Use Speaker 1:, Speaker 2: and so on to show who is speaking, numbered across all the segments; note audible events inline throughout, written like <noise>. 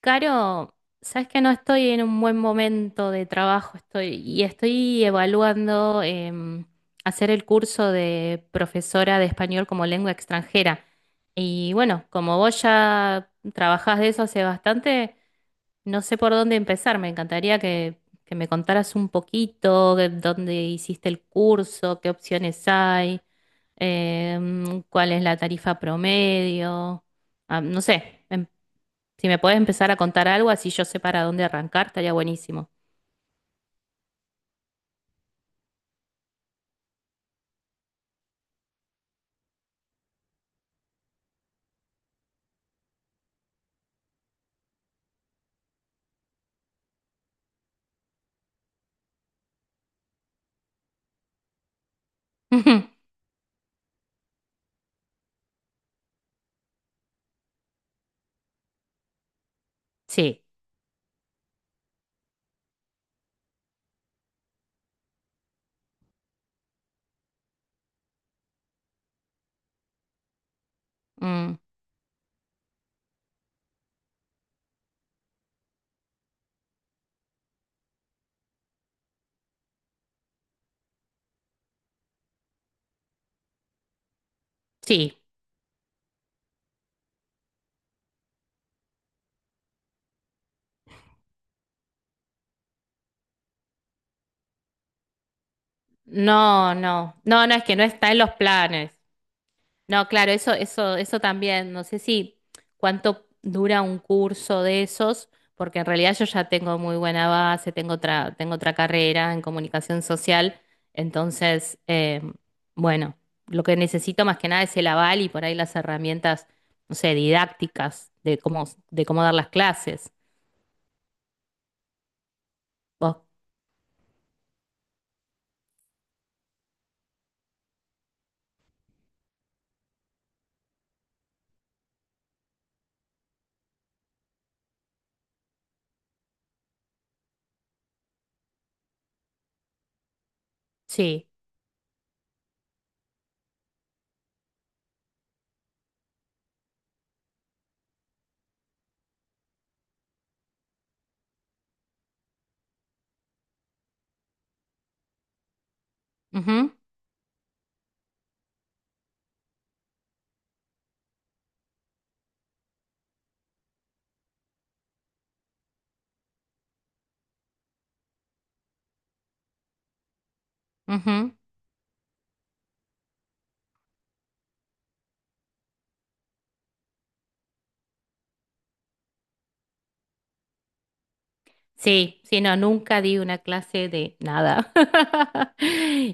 Speaker 1: Caro, sabes que no estoy en un buen momento de trabajo, estoy evaluando hacer el curso de profesora de español como lengua extranjera. Y bueno, como vos ya trabajás de eso hace bastante, no sé por dónde empezar. Me encantaría que me contaras un poquito de dónde hiciste el curso, qué opciones hay, cuál es la tarifa promedio. Ah, no sé, si me puedes empezar a contar algo, así yo sé para dónde arrancar, estaría buenísimo. <laughs> Ujú. Sí, mm, sí. No, no, no, no, es que no está en los planes. No, claro, eso también. No sé si cuánto dura un curso de esos, porque en realidad yo ya tengo muy buena base, tengo otra carrera en comunicación social. Entonces, bueno, lo que necesito más que nada es el aval y por ahí las herramientas, no sé, didácticas de de cómo dar las clases. Vos- Sí. Ujú, ujú. Sí, sí, no, nunca di una clase de nada. <laughs>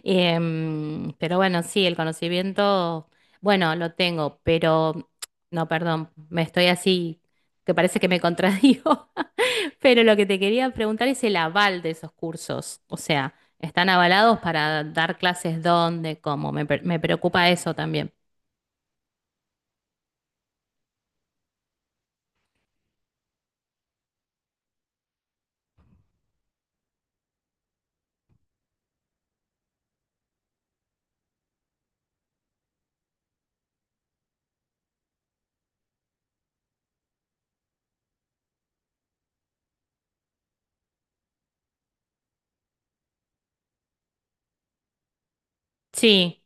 Speaker 1: Pero bueno, sí, el conocimiento, bueno, lo tengo, pero no, perdón, me estoy así, que parece que me contradigo, <laughs> pero lo que te quería preguntar es el aval de esos cursos, o sea, ¿están avalados para dar clases dónde, cómo? Me, pre- me preocupa eso también. Sí,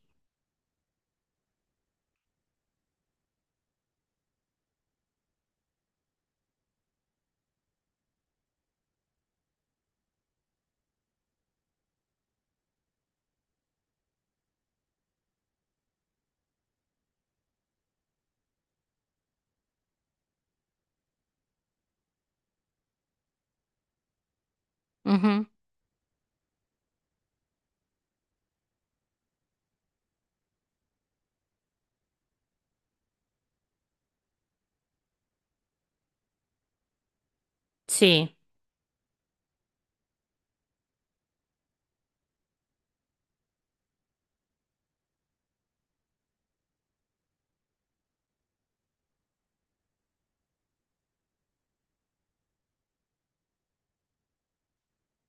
Speaker 1: ujú, sí.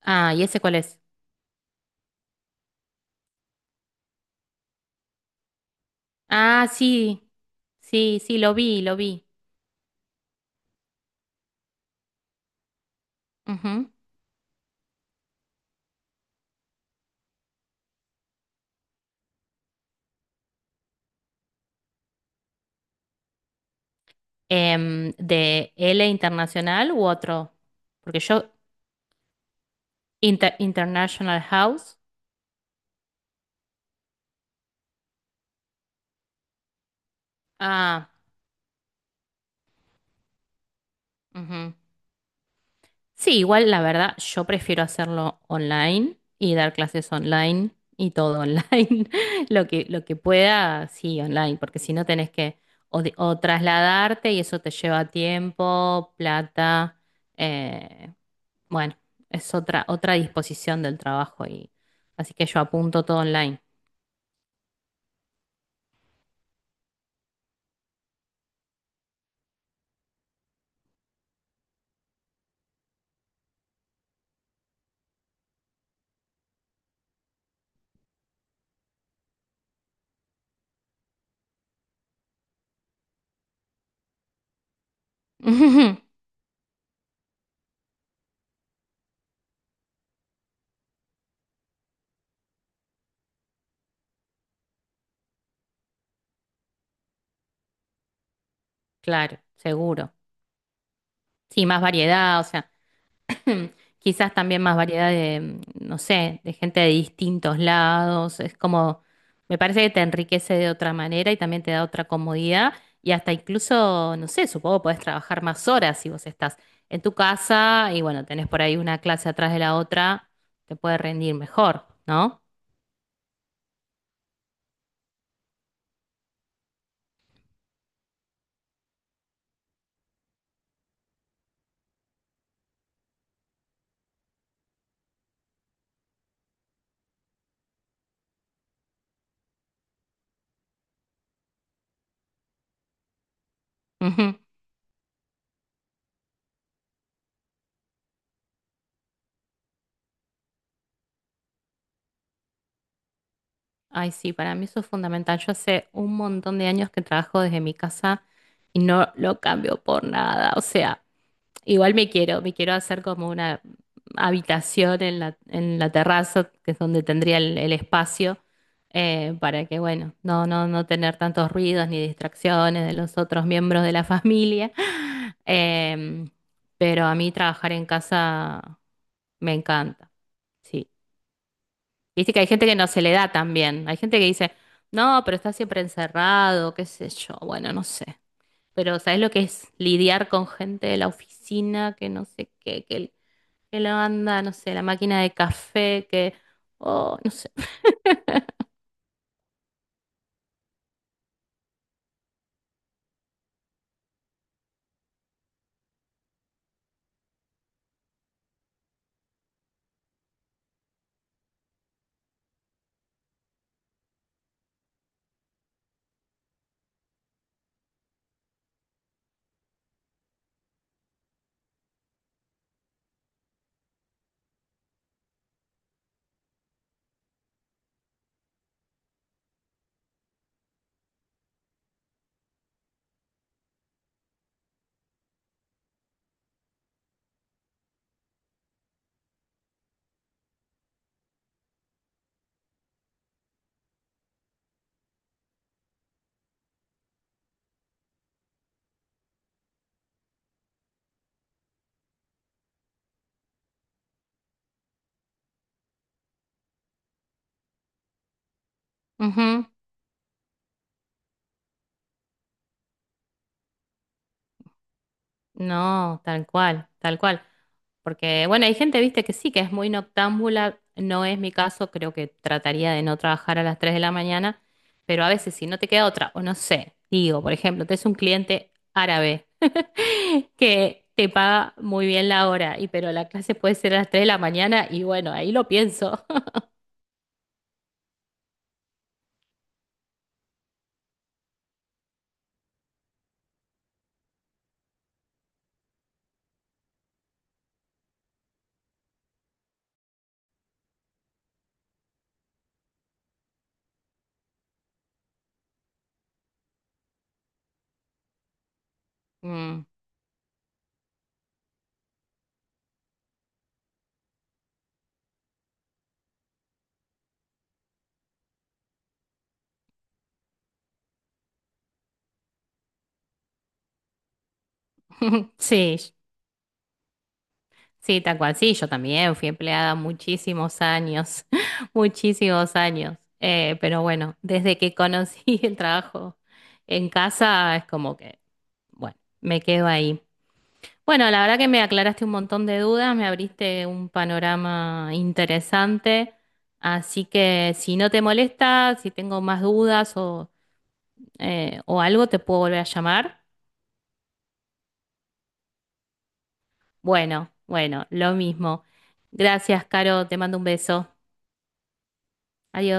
Speaker 1: Ah, ¿y ese cuál es? Ah, sí, sí, sí, lo vi, lo vi. De L Internacional u otro. Porque yo, Inter- International House. Ah, ujú. Sí, igual la verdad, yo prefiero hacerlo online y dar clases online y todo online. <laughs> Lo que pueda, sí, online, porque si no tenés que o trasladarte y eso te lleva tiempo, plata. eh, bueno, es otra disposición del trabajo y así que yo apunto todo online. <laughs> Claro, seguro. Sí, más variedad, o sea, <clears throat> quizás también más variedad de no sé, de gente de distintos lados. Es como, me parece que te enriquece de otra manera y también te da otra comodidad y hasta incluso, no sé, supongo podés trabajar más horas si vos estás en tu casa y bueno, tenés por ahí una clase atrás de la otra, te puede rendir mejor, ¿no? <laughs> Ujú. Ay, sí, para mí eso es fundamental. Yo hace un montón de años que trabajo desde mi casa y no lo cambio por nada. O sea, igual me quiero hacer como una habitación en en la terraza, que es donde tendría el espacio, para que, bueno, no tener tantos ruidos ni distracciones de los otros miembros de la familia. <laughs> Em, pero a mí trabajar en casa me encanta, sí. Viste que hay gente que no se le da también. Hay gente que dice, no, pero está siempre encerrado, qué sé yo, bueno, no sé. Pero ¿sabes lo que es lidiar con gente de la oficina que no sé qué, que la banda, no sé, la máquina de café, que, oh, no sé. Ujú. No, tal cual, tal cual. Porque, bueno, hay gente, viste, que sí, que es muy noctámbula. No es mi caso, creo que trataría de no trabajar a las 3 de la mañana, pero a veces si no te queda otra, o no sé, digo, por ejemplo, tenés un cliente árabe <laughs> que te paga muy bien la hora, y pero la clase puede ser a las 3 de la mañana, y bueno, ahí lo pienso. Mm. <laughs> Sí, sí, tal cual. Sí, yo también fui empleada muchísimos años, <laughs> muchísimos años. Pero bueno, desde que conocí <laughs> el trabajo en casa es como que, bueno, me quedo ahí. Bueno, la verdad que me aclaraste un montón de dudas, me abriste un panorama interesante. Así que si no te molesta, si tengo más dudas o algo, te puedo volver a llamar. Bueno, bueno, lo mismo. Gracias, Caro, te mando un beso. Adiós.